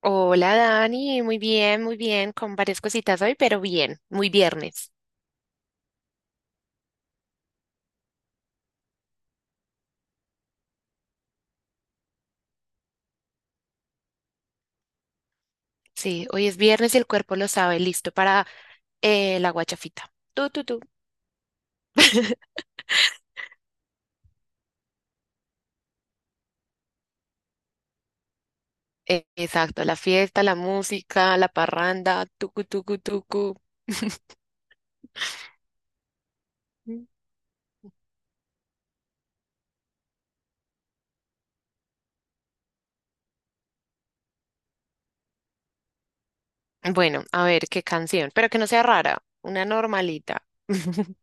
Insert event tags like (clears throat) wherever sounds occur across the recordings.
Hola Dani, muy bien, con varias cositas hoy, pero bien, muy viernes. Sí, hoy es viernes y el cuerpo lo sabe, listo para la guachafita. Tu, tu, tu. Exacto, la fiesta, la música, la parranda, tucu, tucu, tucu. (laughs) Bueno, a ver qué canción, pero que no sea rara, una normalita. (laughs)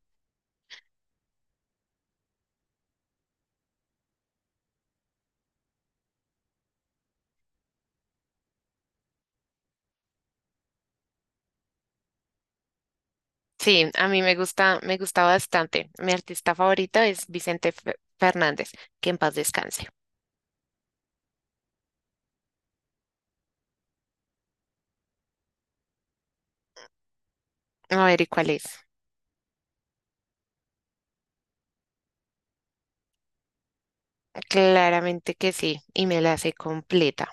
Sí, a mí me gusta bastante. Mi artista favorito es Vicente Fernández, que en paz descanse. A ver, ¿y cuál es? Claramente que sí, y me la sé completa.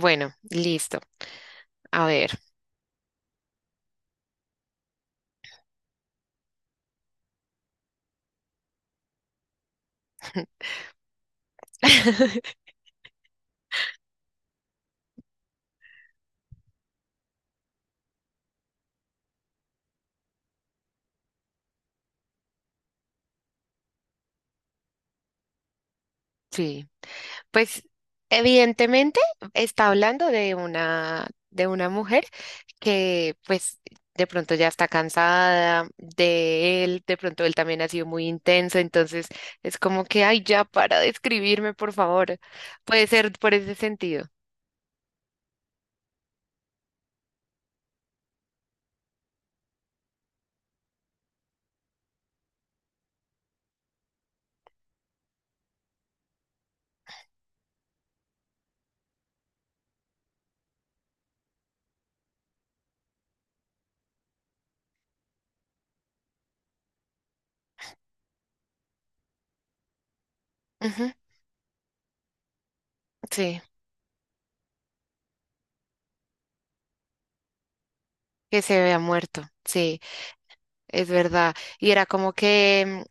Bueno, listo. A ver. (laughs) Sí. Pues evidentemente está hablando de una mujer que pues de pronto ya está cansada de él, de pronto él también ha sido muy intenso, entonces es como que, ay, ya para de escribirme, por favor. Puede ser por ese sentido. Ujú. Sí, que se vea muerto. Sí, es verdad. Y era como que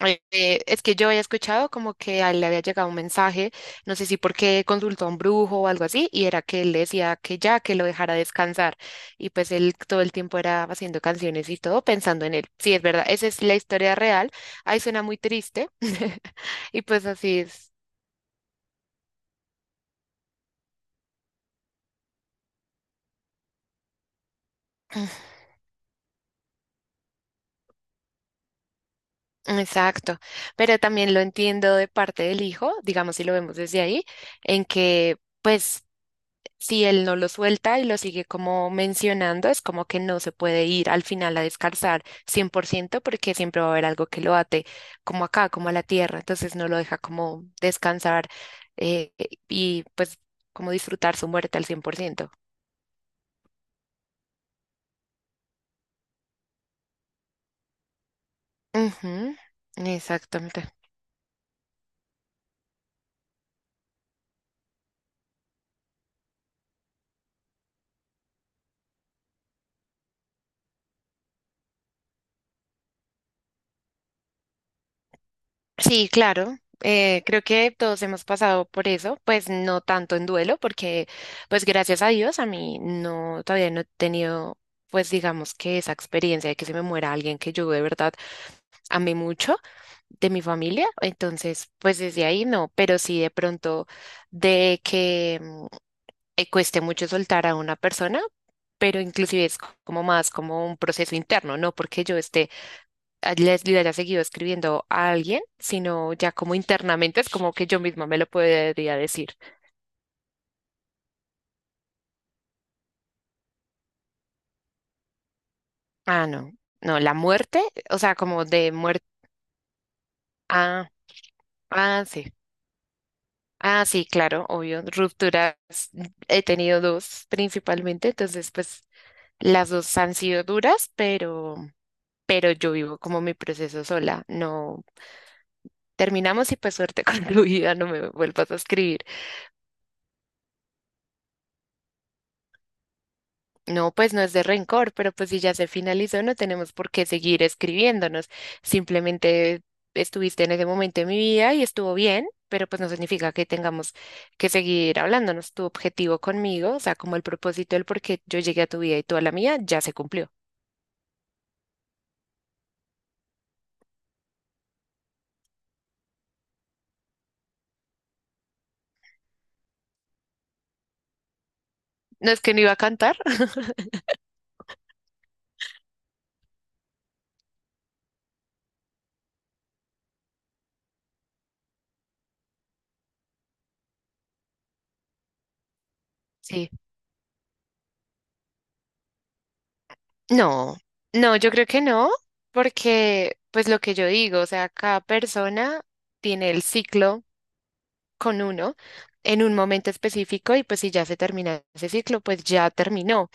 Es que yo había escuchado como que a él le había llegado un mensaje, no sé si porque consultó a un brujo o algo así, y era que él le decía que ya, que lo dejara descansar. Y pues él todo el tiempo era haciendo canciones y todo pensando en él. Sí, es verdad, esa es la historia real. Ahí suena muy triste. (laughs) Y pues así es. (clears throat) Exacto, pero también lo entiendo de parte del hijo, digamos si lo vemos desde ahí, en que pues si él no lo suelta y lo sigue como mencionando, es como que no se puede ir al final a descansar 100% porque siempre va a haber algo que lo ate, como acá, como a la tierra, entonces no lo deja como descansar eh, y pues como disfrutar su muerte al 100%. Ujú, exactamente. Sí, claro. Creo que todos hemos pasado por eso, pues no tanto en duelo, porque pues gracias a Dios a mí no, todavía no he tenido, pues digamos que esa experiencia de que se me muera alguien que yo de verdad amé mucho de mi familia, entonces pues desde ahí no, pero sí de pronto de que cueste mucho soltar a una persona, pero inclusive es como más como un proceso interno, no porque yo esté a- les le haya seguido escribiendo a alguien, sino ya como internamente es como que yo misma me lo podría decir. Ah, no, no, la muerte, o sea, como de muerte. Ah, ah, sí. Ah, sí, claro, obvio. Rupturas, mm, he tenido dos principalmente, entonces pues las dos han sido duras, pero yo vivo como mi proceso sola. No terminamos y pues suerte (laughs) con tu vida, no me vuelvas a escribir. No, pues no es de rencor, pero pues si ya se finalizó, no tenemos por qué seguir escribiéndonos. Simplemente estuviste en ese momento de mi vida y estuvo bien, pero pues no significa que tengamos que seguir hablándonos. Tu objetivo conmigo, o sea, como el propósito del por qué yo llegué a tu vida y tú a la mía, ya se cumplió. ¿No es que no iba a cantar? Sí. No, no, yo creo que no, porque pues lo que yo digo, o sea, cada persona tiene el ciclo con uno en un momento específico y pues si ya se termina ese ciclo, pues ya terminó.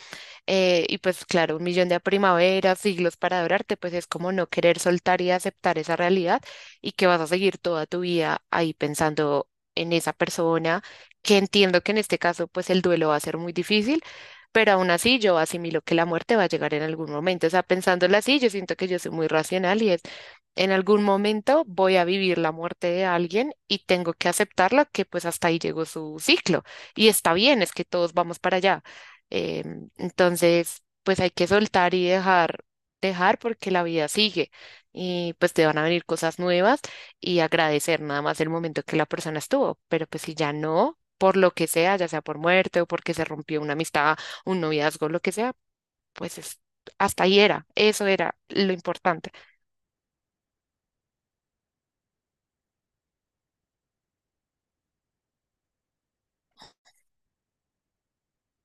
Y pues claro, un millón de primaveras, siglos para adorarte, pues es como no querer soltar y aceptar esa realidad y que vas a seguir toda tu vida ahí pensando en esa persona, que entiendo que en este caso pues el duelo va a ser muy difícil, pero aún así yo asimilo que la muerte va a llegar en algún momento. O sea, pensándolo así, yo siento que yo soy muy racional y es, en algún momento voy a vivir la muerte de alguien y tengo que aceptarla, que pues hasta ahí llegó su ciclo. Y está bien, es que todos vamos para allá. eh, entonces, pues hay que soltar y dejar, dejar porque la vida sigue y pues te van a venir cosas nuevas y agradecer nada más el momento que la persona estuvo, pero pues si ya no, por lo que sea, ya sea por muerte o porque se rompió una amistad, un noviazgo, lo que sea, pues es, hasta ahí era, eso era lo importante.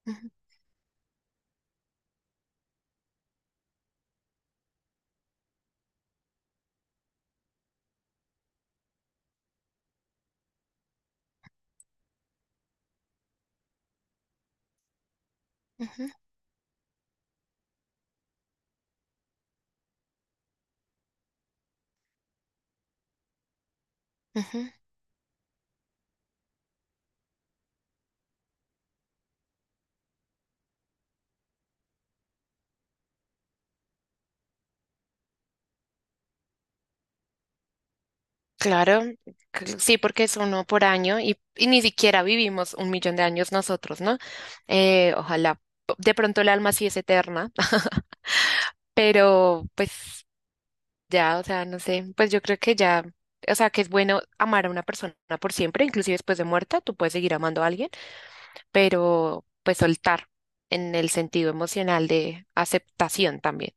Ujú, ujú, ujú. Claro, sí, porque es uno por año y ni siquiera vivimos un millón de años nosotros, ¿no? Ojalá, de pronto el alma sí es eterna. Pero pues ya, o sea, no sé, pues yo creo que ya, o sea, que es bueno amar a una persona por siempre, inclusive después de muerta, tú puedes seguir amando a alguien, pero pues soltar en el sentido emocional de aceptación también.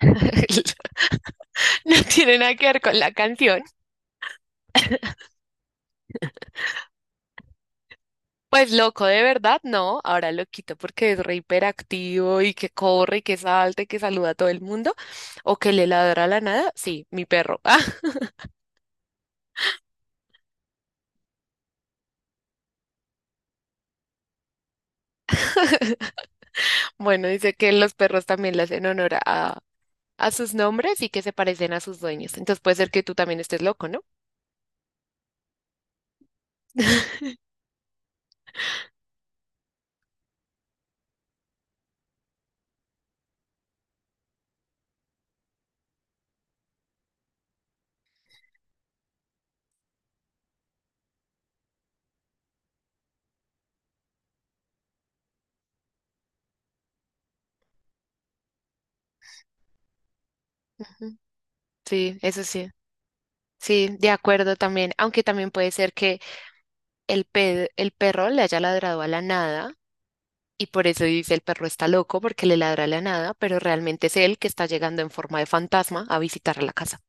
(laughs) No tiene nada que ver con la canción. Pues loco, de verdad, no. Ahora lo quito porque es re hiperactivo y que corre y que salta y que saluda a todo el mundo o que le ladra a la nada. Sí, mi perro. (laughs) Bueno, dice que los perros también le hacen honor a sus nombres y que se parecen a sus dueños. Entonces puede ser que tú también estés loco, ¿no? (laughs) Ujú. Sí, eso sí. Sí, de acuerdo también. Aunque también puede ser que el perro le haya ladrado a la nada y por eso dice el perro está loco porque le ladra a la nada, pero realmente es él que está llegando en forma de fantasma a visitar la casa.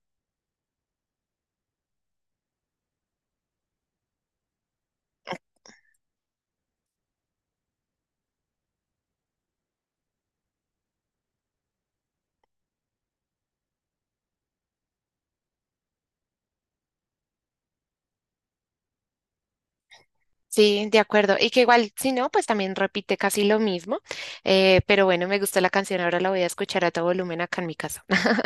Sí, de acuerdo. Y que igual, si no, pues también repite casi lo mismo. Pero bueno, me gustó la canción, ahora la voy a escuchar a todo volumen acá en mi casa. (laughs)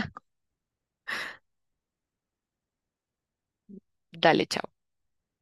Dale, chao.